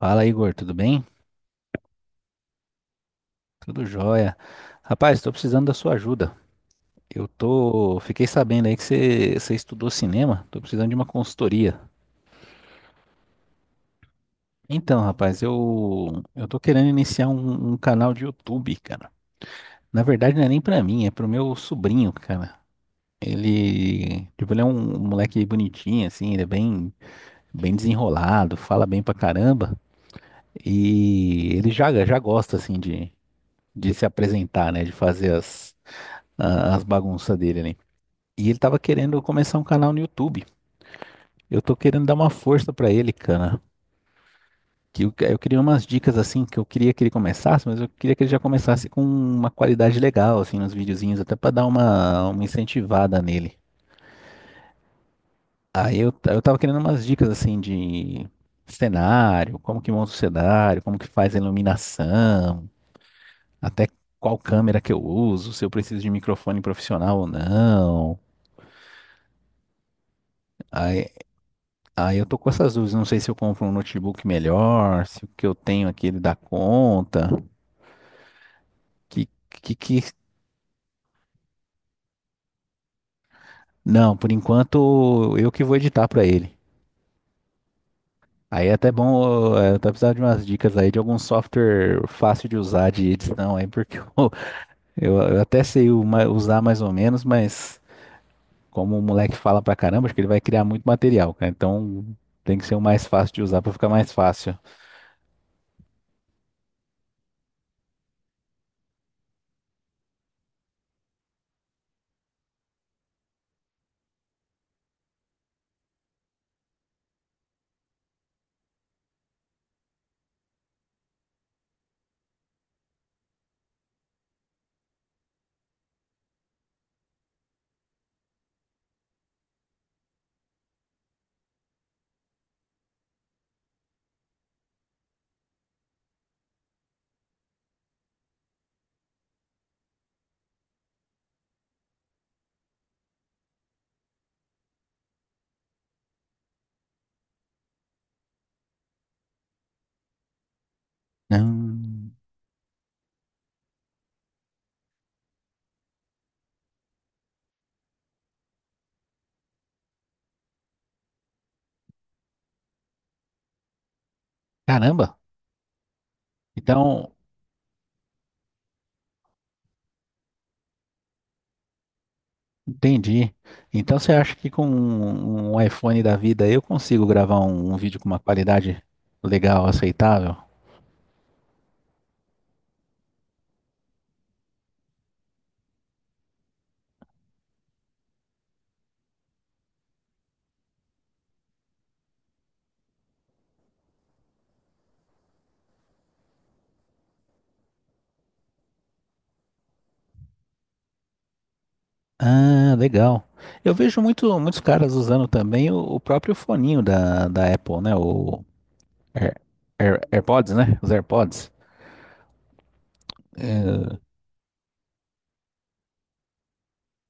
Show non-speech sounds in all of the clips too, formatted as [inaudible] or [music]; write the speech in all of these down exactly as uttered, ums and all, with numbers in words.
Fala, Igor, tudo bem? Tudo jóia. Rapaz, estou precisando da sua ajuda. Eu tô, fiquei sabendo aí que você você estudou cinema, tô precisando de uma consultoria. Então, rapaz, eu eu tô querendo iniciar um, um canal de YouTube, cara. Na verdade, não é nem pra mim, é pro meu sobrinho, cara. Ele, tipo, ele é um moleque bonitinho assim, ele é bem bem desenrolado, fala bem pra caramba e ele já já gosta assim de de se apresentar, né, de fazer as a- as bagunças dele ali. E ele tava querendo começar um canal no YouTube. Eu tô querendo dar uma força pra ele, cara. Que eu, eu queria umas dicas assim que eu queria que ele começasse, mas eu queria que ele já começasse com uma qualidade legal assim nos videozinhos, até pra dar uma, uma incentivada nele. Aí eu, eu tava querendo umas dicas assim de cenário, como que monta o cenário, como que faz a iluminação, até qual câmera que eu uso, se eu preciso de microfone profissional ou não. Aí Aí eu tô com essas dúvidas. Não sei se eu compro um notebook melhor, se o que eu tenho aqui ele dá conta. Que, que, que... Não, por enquanto eu que vou editar pra ele. Aí é até bom, eh, eu tô precisando de umas dicas aí de algum software fácil de usar de edição aí, porque [laughs] eu, eu, eu até sei o ma- usar mais ou menos, mas como o moleque fala pra caramba, acho que ele vai criar muito material, cara. Então tem que ser o mais fácil de usar pra ficar mais fácil. Hum, caramba! Então. Entendi. Então você acha que com um um iPhone da vida eu consigo gravar um, um vídeo com uma qualidade legal, aceitável? Ah, legal. Eu vejo muito, muitos caras usando também o, o próprio foninho da, da Apple, né? O Air- Air- AirPods, né? Os AirPods. É,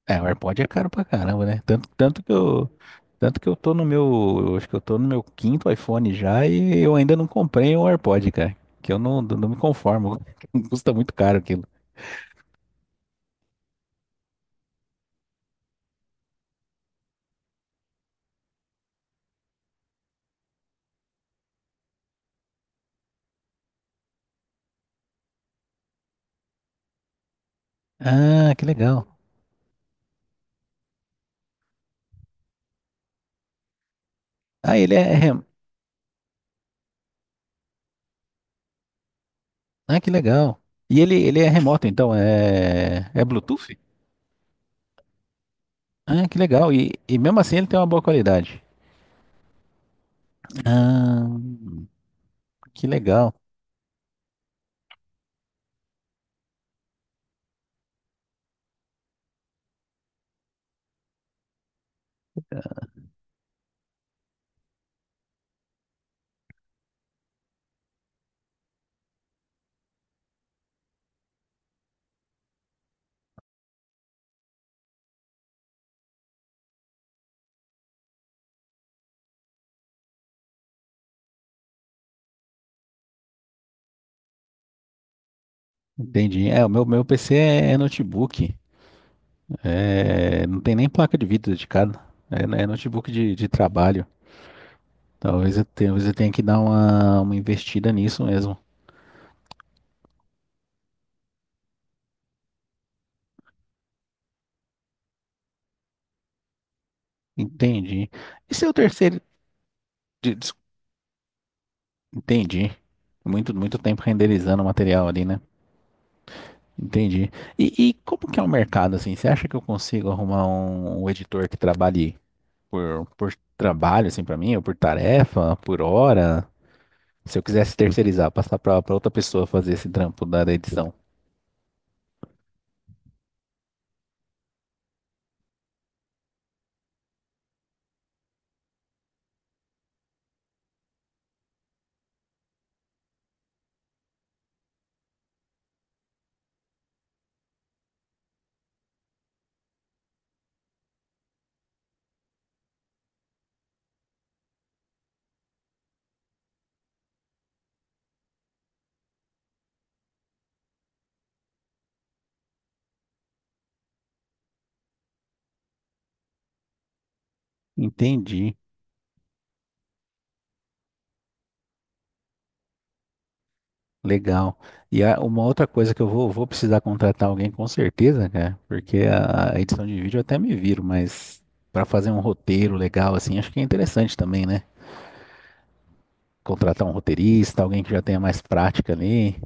é, o AirPod é caro pra caramba, né? Tanto, tanto que eu, tanto que eu tô no meu, eu acho que eu tô no meu quinto iPhone já e eu ainda não comprei um AirPod, cara. Que eu não, não me conformo. [laughs] Custa muito caro aquilo. Ah, que legal. Ah, ele é rem... Ah, que legal. E ele, ele é remoto, então, é, é Bluetooth? Ah, que legal. E, e mesmo assim ele tem uma boa qualidade. Ah, que legal. Entendi. É, o meu, meu P C é, é notebook. É, não tem nem placa de vídeo dedicada. É, é notebook de, de trabalho. Talvez eu, tenha- talvez eu tenha que dar uma, uma investida nisso mesmo. Entendi. E seu terceiro. de- des- Entendi. Muito, muito tempo renderizando o material ali, né? Entendi. E, e como que é o mercado, assim? Você acha que eu consigo arrumar um, um editor que trabalhe por, por trabalho, assim, pra mim, ou por tarefa, por hora? Se eu quisesse terceirizar, passar pra, pra outra pessoa fazer esse trampo da da edição. Entendi. Legal. E a- uma outra coisa que eu vou, vou precisar contratar alguém com certeza, cara, porque a, a edição de vídeo eu até me viro, mas para fazer um roteiro legal assim, acho que é interessante também, né? Contratar um roteirista, alguém que já tenha mais prática ali.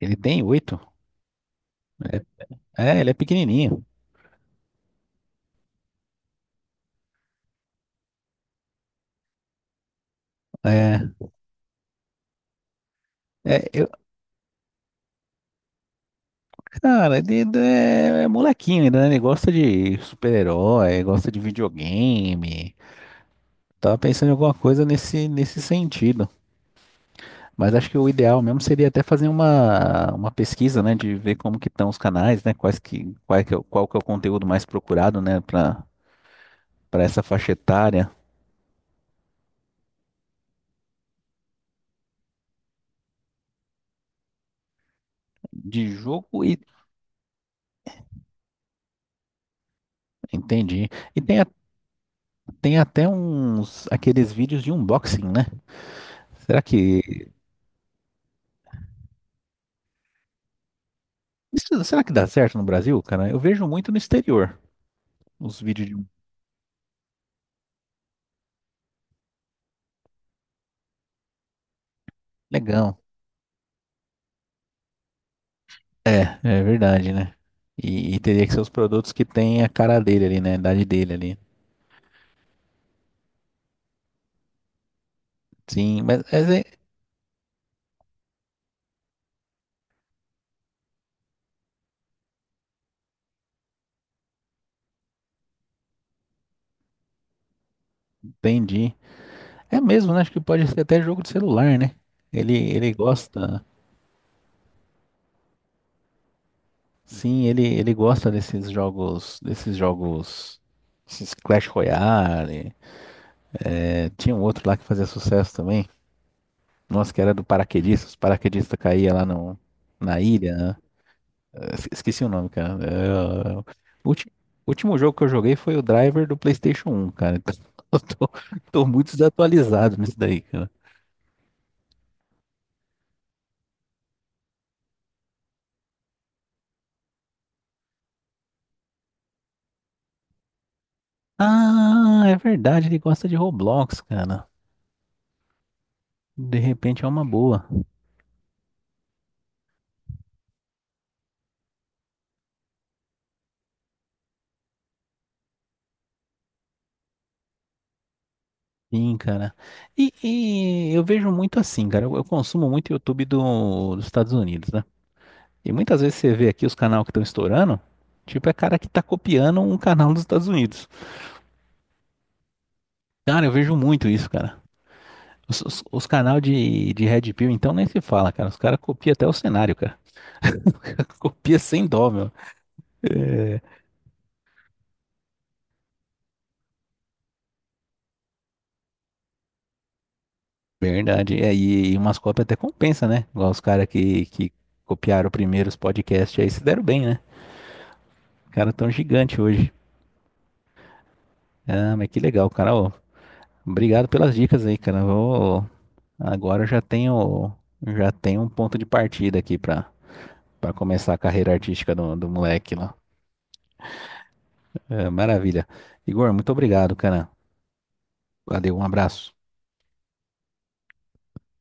Ele tem oito. É, é, ele é pequenininho. É, é, eu, cara, ele é, é molequinho ainda, né? Ele gosta de super-herói, gosta de videogame. Tava pensando em alguma coisa nesse, nesse sentido. Mas acho que o ideal mesmo seria até fazer uma, uma pesquisa, né, de ver como que estão os canais, né, quais que, qual que é, o- qual que é o conteúdo mais procurado, né, para para essa faixa etária de jogo e entendi. E tem, a- tem até uns aqueles vídeos de unboxing, né? Será que isso- será que dá certo no Brasil, cara? Eu vejo muito no exterior os vídeos de legal. É, é verdade, né? E, e teria que ser os produtos que tem a cara dele ali, né, a idade dele ali. Sim, mas mas é- entendi. É mesmo, né? Acho que pode ser até jogo de celular, né? Ele, ele gosta, sim, ele, ele gosta desses jogos, desses jogos, esses Clash Royale. É, tinha um outro lá que fazia sucesso também. Nossa, que era do paraquedista. Os paraquedistas caíam lá no, na ilha. Né? Es- Esqueci o nome, cara. É, o ulti- último jogo que eu joguei foi o Driver do PlayStation um, cara. Então, [laughs] eu tô, tô muito desatualizado nisso daí, cara. Ah, é verdade, ele gosta de Roblox, cara. De repente é uma boa. Sim, cara. E, e eu vejo muito assim, cara. Eu, eu consumo muito YouTube do- dos Estados Unidos, né? E muitas vezes você vê aqui os canais que estão estourando, tipo, é cara que tá copiando um canal dos Estados Unidos. Cara, eu vejo muito isso, cara. Os, os, os canal de, de Red Pill, então, nem se fala, cara. Os caras copiam até o cenário, cara. [laughs] Copia sem dó, meu. É verdade. É, e, e umas cópias até compensa, né? Igual os caras que, que copiaram primeiro os podcasts aí se deram bem, né? Cara tão gigante hoje. Ah, mas que legal, cara. Ô, obrigado pelas dicas aí, cara. Vou... Agora eu já tenho, já tenho um ponto de partida aqui pra para começar a carreira artística do, do moleque lá. É, maravilha. Igor, muito obrigado, cara. Valeu, um abraço.